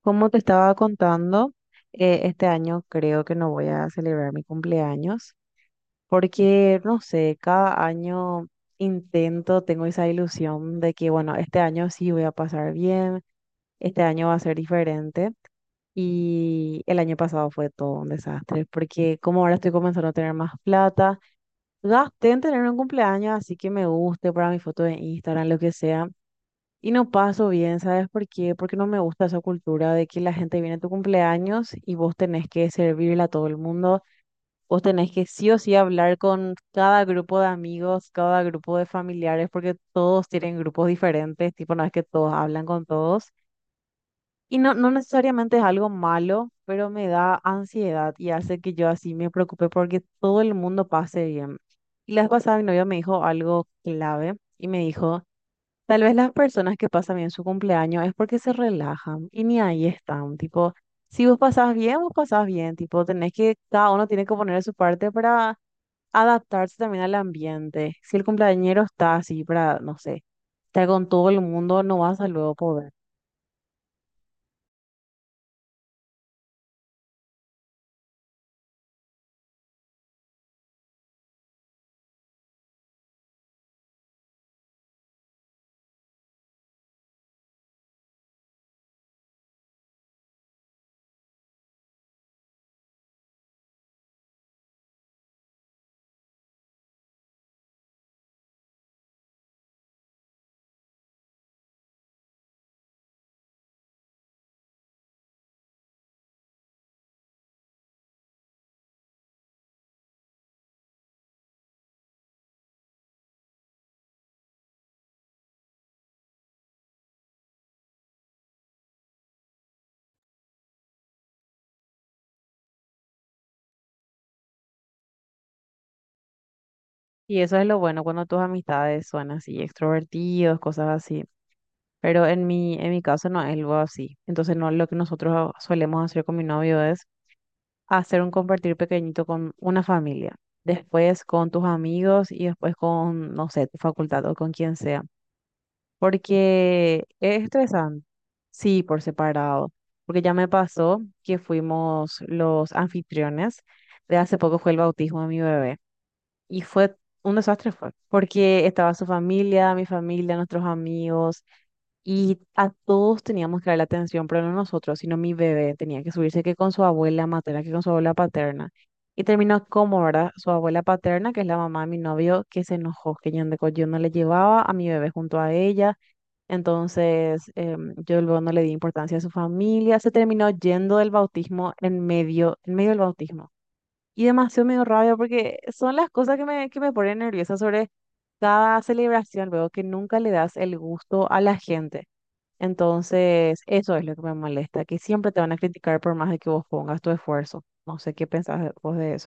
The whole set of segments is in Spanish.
Como te estaba contando, este año creo que no voy a celebrar mi cumpleaños porque, no sé, cada año intento, tengo esa ilusión de que, bueno, este año sí voy a pasar bien, este año va a ser diferente y el año pasado fue todo un desastre porque como ahora estoy comenzando a tener más plata, gasté en tener un cumpleaños, así que me guste para mi foto de Instagram, lo que sea y no paso bien. ¿Sabes por qué? Porque no me gusta esa cultura de que la gente viene a tu cumpleaños y vos tenés que servirle a todo el mundo, vos tenés que sí o sí hablar con cada grupo de amigos, cada grupo de familiares, porque todos tienen grupos diferentes, tipo, no es que todos hablan con todos. Y no, no necesariamente es algo malo, pero me da ansiedad y hace que yo así me preocupe porque todo el mundo pase bien. Y la vez pasada mi novio me dijo algo clave y me dijo... Tal vez las personas que pasan bien su cumpleaños es porque se relajan y ni ahí están. Tipo, si vos pasás bien, vos pasás bien. Tipo, tenés que, cada uno tiene que poner de su parte para adaptarse también al ambiente. Si el cumpleañero está así para, no sé, estar con todo el mundo, no vas a luego poder. Y eso es lo bueno cuando tus amistades son así, extrovertidos, cosas así. Pero en mi caso no es algo así. Entonces, no, lo que nosotros solemos hacer con mi novio es hacer un compartir pequeñito con una familia, después con tus amigos y después con, no sé, tu facultad o con quien sea, porque es estresante, sí, por separado, porque ya me pasó que fuimos los anfitriones, de hace poco fue el bautismo de mi bebé y fue un desastre, fue, porque estaba su familia, mi familia, nuestros amigos. Y a todos teníamos que dar la atención, pero no nosotros, sino mi bebé. Tenía que subirse que con su abuela materna, que con su abuela paterna. Y terminó como, ¿verdad? Su abuela paterna, que es la mamá de mi novio, que se enojó, que yo no le llevaba a mi bebé junto a ella. Entonces, yo luego no le di importancia a su familia. Se terminó yendo del bautismo en medio del bautismo. Y demasiado me dio rabia porque son las cosas que me ponen nerviosa sobre cada celebración, luego que nunca le das el gusto a la gente. Entonces, eso es lo que me molesta, que siempre te van a criticar por más de que vos pongas tu esfuerzo. No sé qué pensás vos de eso.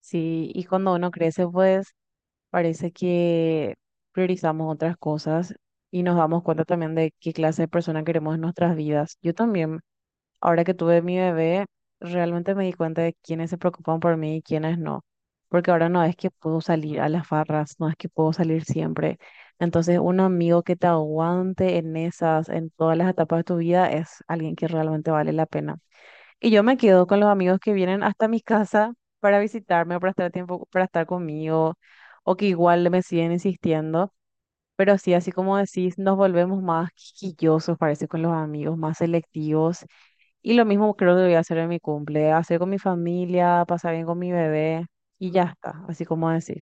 Sí, y cuando uno crece, pues parece que priorizamos otras cosas y nos damos cuenta también de qué clase de persona queremos en nuestras vidas. Yo también ahora que tuve mi bebé, realmente me di cuenta de quiénes se preocupan por mí y quiénes no. Porque ahora no es que puedo salir a las farras, no es que puedo salir siempre. Entonces, un amigo que te aguante en todas las etapas de tu vida, es alguien que realmente vale la pena. Y yo me quedo con los amigos que vienen hasta mi casa para visitarme o para estar tiempo, para estar conmigo, o que igual me siguen insistiendo. Pero sí, así como decís, nos volvemos más quisquillosos, parece, con los amigos, más selectivos y lo mismo creo que voy a hacer en mi cumple, hacer con mi familia, pasar bien con mi bebé y ya está, así como decir.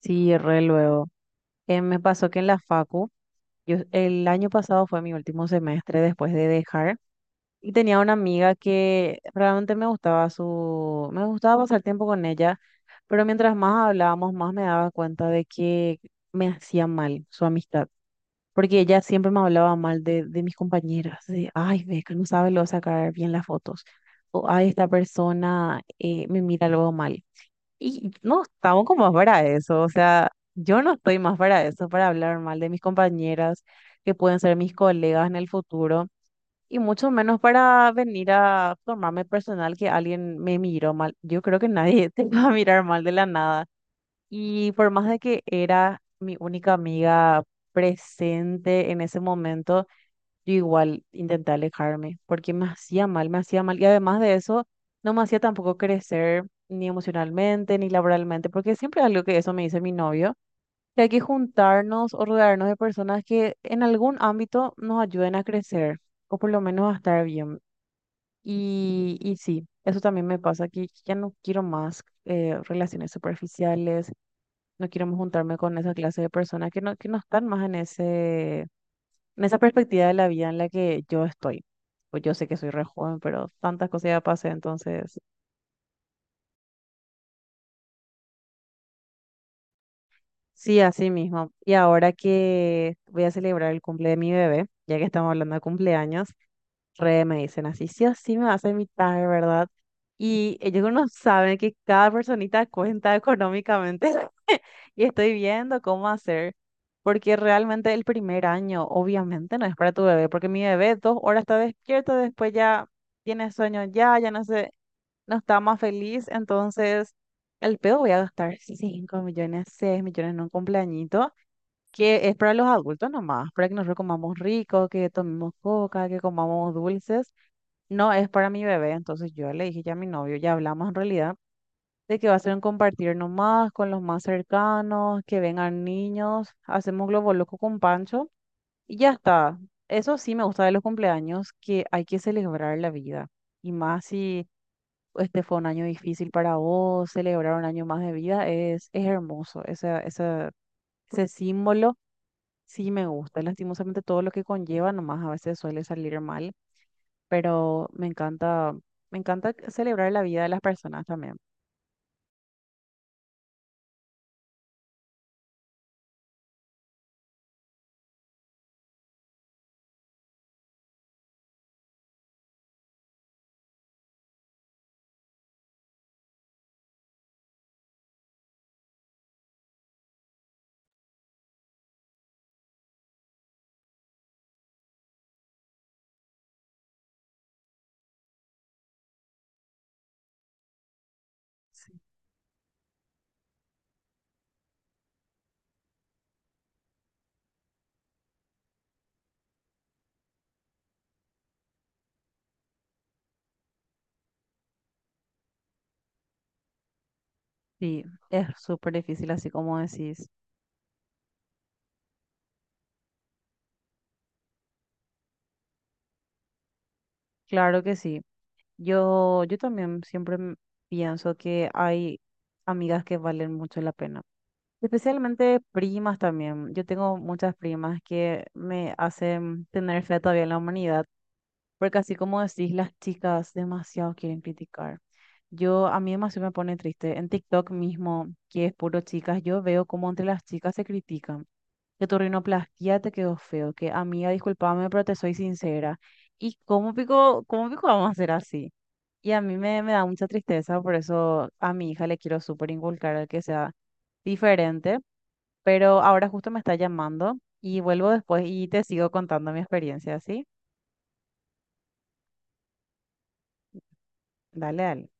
Sí, re luego. Me pasó que en la facu, yo, el año pasado fue mi último semestre después de dejar y tenía una amiga que realmente me gustaba pasar tiempo con ella, pero mientras más hablábamos, más me daba cuenta de que me hacía mal su amistad. Porque ella siempre me hablaba mal de mis compañeras, de, ay, ve que no sabe luego sacar bien las fotos, o, ay, esta persona me mira luego mal. Y no estamos como más para eso, o sea, yo no estoy más para eso, para hablar mal de mis compañeras, que pueden ser mis colegas en el futuro, y mucho menos para venir a tomarme personal que alguien me miró mal. Yo creo que nadie te va a mirar mal de la nada. Y por más de que era mi única amiga presente en ese momento, yo igual intenté alejarme porque me hacía mal, me hacía mal. Y además de eso, no me hacía tampoco crecer ni emocionalmente ni laboralmente, porque siempre algo que eso me dice mi novio, que hay que juntarnos o rodearnos de personas que en algún ámbito nos ayuden a crecer o por lo menos a estar bien. Y sí, eso también me pasa, que ya no quiero más relaciones superficiales, no quiero más juntarme con esa clase de personas que no están más en esa perspectiva de la vida en la que yo estoy. Pues yo sé que soy re joven, pero tantas cosas ya pasé, entonces sí, así mismo. Y ahora que voy a celebrar el cumple de mi bebé, ya que estamos hablando de cumpleaños, re me dicen así, sí o sí me vas a invitar, ¿verdad? Y ellos no saben que cada personita cuenta económicamente. Y estoy viendo cómo hacer, porque realmente el primer año obviamente no es para tu bebé, porque mi bebé 2 horas está despierto, después ya tiene sueño, ya, ya no sé, no está más feliz, entonces el pedo voy a gastar 5 millones, 6 millones en un cumpleañito, que es para los adultos nomás, para que nosotros comamos rico, que tomemos coca, que comamos dulces, no es para mi bebé. Entonces yo le dije ya a mi novio, ya hablamos en realidad de que va a ser un compartir nomás con los más cercanos, que vengan niños, hacemos globo loco con Pancho y ya está. Eso sí me gusta de los cumpleaños, que hay que celebrar la vida. Y más si este fue un año difícil para vos, celebrar un año más de vida es hermoso. Ese símbolo sí me gusta. Lastimosamente todo lo que conlleva nomás a veces suele salir mal, pero me encanta celebrar la vida de las personas también. Sí, es súper difícil, así como decís. Claro que sí. Yo también siempre pienso que hay amigas que valen mucho la pena. Especialmente primas también. Yo tengo muchas primas que me hacen tener fe todavía en la humanidad, porque así como decís, las chicas demasiado quieren criticar. Yo, a mí demasiado me pone triste. En TikTok mismo, que es puro chicas, yo veo cómo entre las chicas se critican, que tu rinoplastia te quedó feo, que amiga, discúlpame, pero te soy sincera. ¿Y cómo pico vamos a hacer así? Y a mí me da mucha tristeza, por eso a mi hija le quiero súper inculcar el que sea diferente, pero ahora justo me está llamando y vuelvo después y te sigo contando mi experiencia, ¿sí? Dale, dale.